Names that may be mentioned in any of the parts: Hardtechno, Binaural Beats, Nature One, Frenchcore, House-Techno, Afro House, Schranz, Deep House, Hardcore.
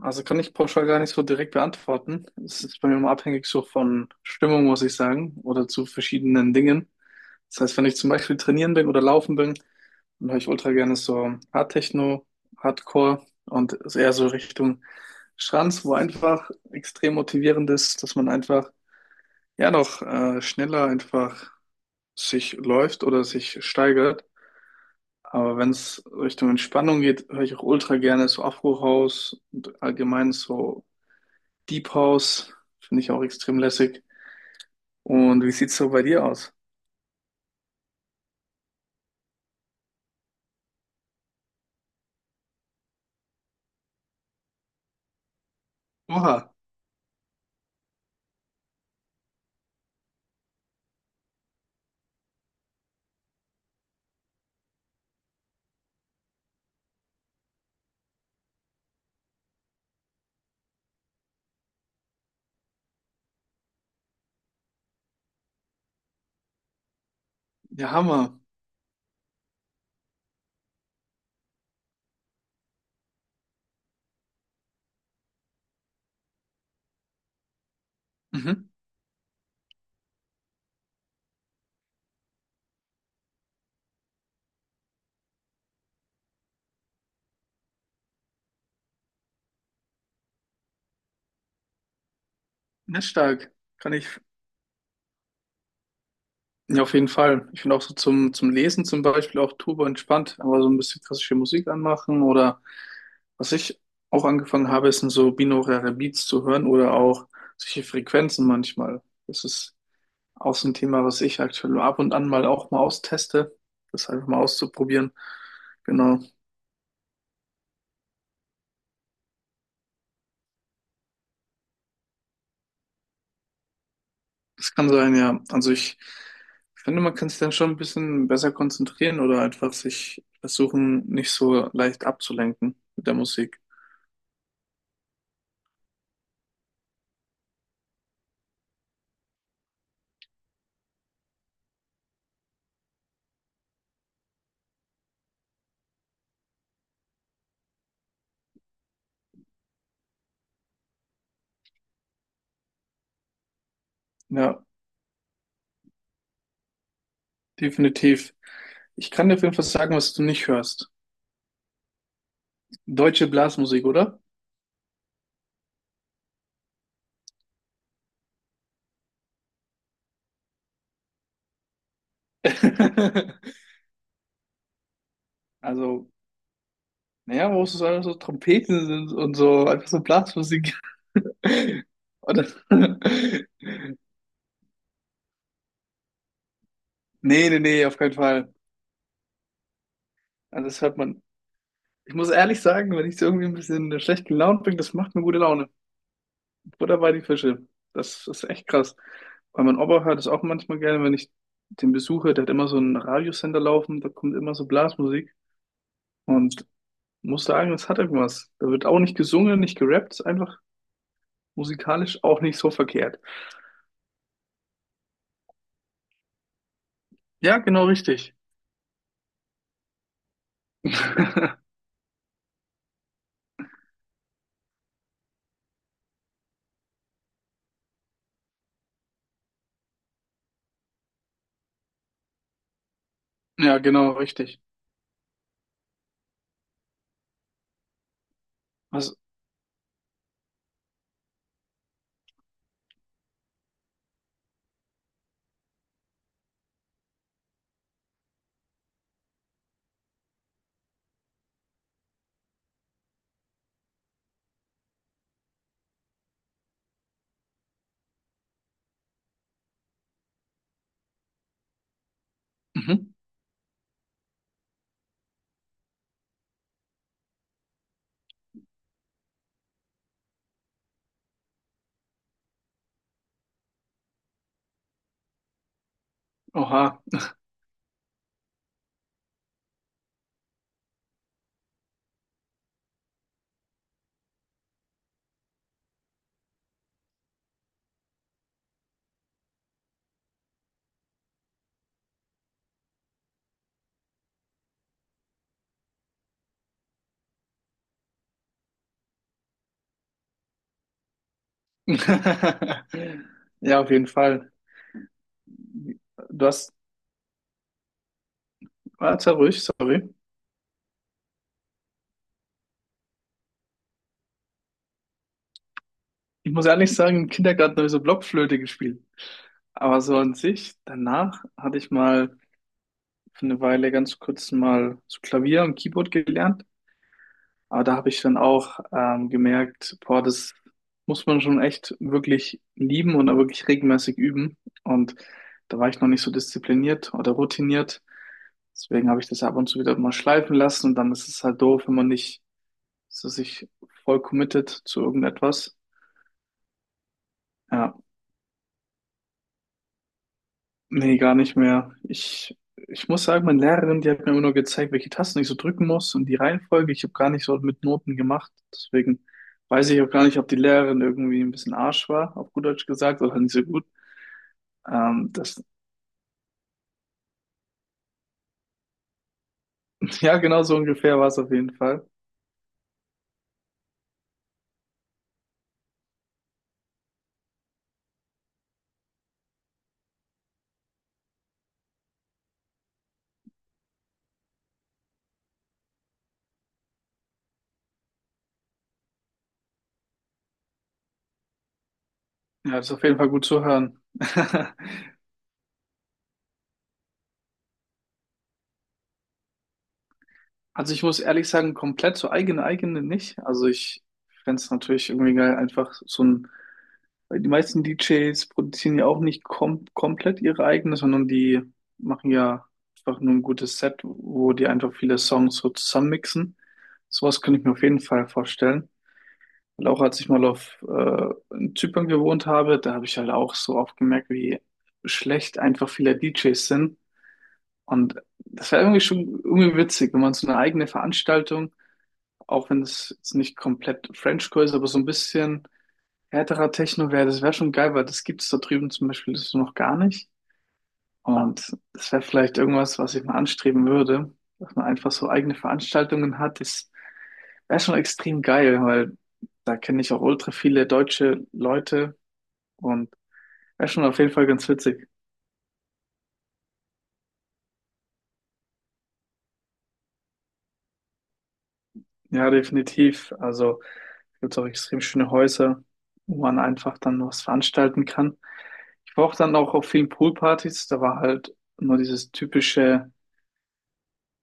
Also kann ich pauschal gar nicht so direkt beantworten. Es ist bei mir immer abhängig so von Stimmung, muss ich sagen, oder zu verschiedenen Dingen. Das heißt, wenn ich zum Beispiel trainieren bin oder laufen bin, dann höre ich ultra gerne so Hardtechno, Hardcore und ist eher so Richtung Schranz, wo einfach extrem motivierend ist, dass man einfach ja noch schneller einfach sich läuft oder sich steigert. Aber wenn es Richtung Entspannung geht, höre ich auch ultra gerne so Afro House, und allgemein so Deep House finde ich auch extrem lässig. Und wie sieht's so bei dir aus? Oha, ja Hammer. Mhm. Nicht stark. Kann ich. Ja, auf jeden Fall. Ich finde auch so zum Lesen zum Beispiel auch turbo entspannt, aber so ein bisschen klassische Musik anmachen, oder was ich auch angefangen habe, ist so binaurale Beats zu hören oder auch solche Frequenzen manchmal. Das ist auch so ein Thema, was ich aktuell ab und an mal auch mal austeste, das einfach mal auszuprobieren. Genau. Das kann sein, ja. Also ich finde, man kann sich dann schon ein bisschen besser konzentrieren oder einfach sich versuchen, nicht so leicht abzulenken mit der Musik. Ja, definitiv. Ich kann dir auf jeden Fall sagen, was du nicht hörst. Deutsche Blasmusik, oder? Also, naja, wo es so einfach so Trompeten sind und so, einfach so Blasmusik. Oder? Nee, nee, nee, auf keinen Fall. Also das hört man. Ich muss ehrlich sagen, wenn ich so irgendwie ein bisschen schlecht gelaunt bin, das macht mir gute Laune. Butter die Fische. Das ist echt krass. Weil mein Opa hört es auch manchmal gerne, wenn ich den besuche. Der hat immer so einen Radiosender laufen, da kommt immer so Blasmusik. Und muss sagen, das hat irgendwas. Da wird auch nicht gesungen, nicht gerappt, ist einfach musikalisch auch nicht so verkehrt. Ja, genau richtig. Ja, genau richtig. Was? Mhm. Oha. Ja, auf jeden Fall. Du hast, warte ruhig, sorry. Ich muss ehrlich sagen, im Kindergarten habe ich so Blockflöte gespielt. Aber so an sich, danach hatte ich mal für eine Weile ganz kurz mal so Klavier und Keyboard gelernt. Aber da habe ich dann auch gemerkt, boah, das muss man schon echt wirklich lieben und auch wirklich regelmäßig üben. Und da war ich noch nicht so diszipliniert oder routiniert. Deswegen habe ich das ab und zu wieder mal schleifen lassen. Und dann ist es halt doof, wenn man nicht so sich voll committet zu irgendetwas. Ja. Nee, gar nicht mehr. Ich muss sagen, meine Lehrerin, die hat mir immer nur gezeigt, welche Tasten ich so drücken muss und die Reihenfolge. Ich habe gar nicht so mit Noten gemacht. Deswegen weiß ich auch gar nicht, ob die Lehrerin irgendwie ein bisschen Arsch war, auf gut Deutsch gesagt, oder nicht so gut. Ähm, das, ja, genau so ungefähr war es auf jeden Fall. Ja, ist auf jeden Fall gut zu hören. Also ich muss ehrlich sagen, komplett so eigene eigene nicht. Also ich fänd's es natürlich irgendwie geil, einfach so ein, weil die meisten DJs produzieren ja auch nicht komplett ihre eigene, sondern die machen ja einfach nur ein gutes Set, wo die einfach viele Songs so zusammenmixen. Sowas könnte ich mir auf jeden Fall vorstellen. Weil auch als ich mal auf in Zypern gewohnt habe, da habe ich halt auch so oft gemerkt, wie schlecht einfach viele DJs sind. Und das wäre irgendwie schon irgendwie witzig, wenn man so eine eigene Veranstaltung, auch wenn es jetzt nicht komplett Frenchcore ist, aber so ein bisschen härterer Techno wäre, das wäre schon geil, weil das gibt es da drüben zum Beispiel so noch gar nicht. Und das wäre vielleicht irgendwas, was ich mal anstreben würde, dass man einfach so eigene Veranstaltungen hat. Das wäre schon extrem geil, weil da kenne ich auch ultra viele deutsche Leute und wäre schon auf jeden Fall ganz witzig. Ja, definitiv. Also gibt es auch extrem schöne Häuser, wo man einfach dann was veranstalten kann. Ich war auch dann auch auf vielen Poolpartys, da war halt nur dieses typische,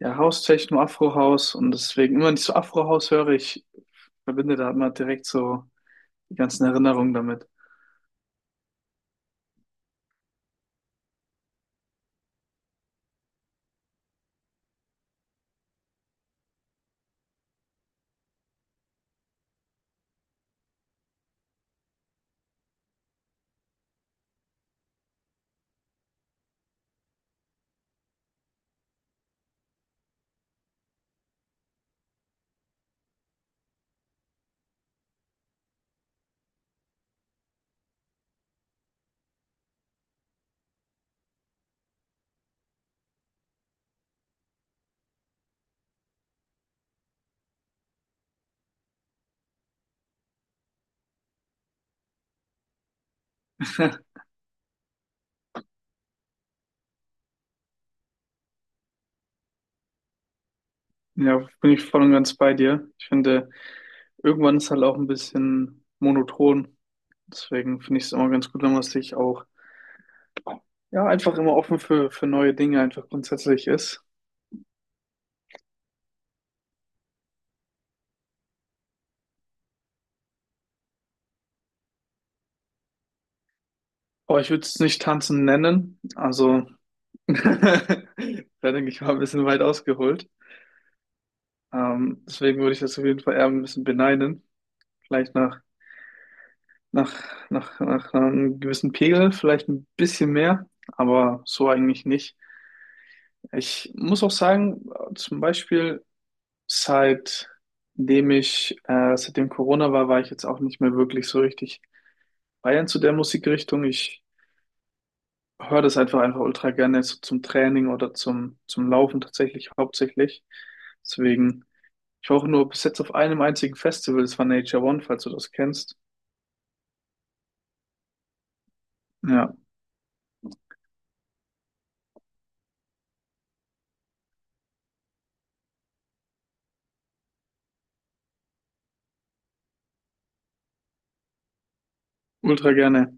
ja, House-Techno, Afro-House, und deswegen immer, wenn ich so Afro-House höre, ich verbinde da immer direkt so die ganzen Erinnerungen damit. Ja, bin ich voll und ganz bei dir. Ich finde, irgendwann ist halt auch ein bisschen monoton. Deswegen finde ich es immer ganz gut, wenn man sich auch, ja, einfach immer offen für neue Dinge einfach grundsätzlich ist. Aber ich würde es nicht tanzen nennen. Also, da denke ich mal ein bisschen weit ausgeholt. Deswegen würde ich das auf jeden Fall eher ein bisschen beneiden. Vielleicht nach einem gewissen Pegel, vielleicht ein bisschen mehr, aber so eigentlich nicht. Ich muss auch sagen, zum Beispiel seitdem Corona war, war ich jetzt auch nicht mehr wirklich so richtig Bayern zu der Musikrichtung. Ich höre das einfach ultra gerne so zum Training oder zum Laufen tatsächlich hauptsächlich. Deswegen, ich war auch nur bis jetzt auf einem einzigen Festival, das war Nature One, falls du das kennst. Ja, ultra gerne.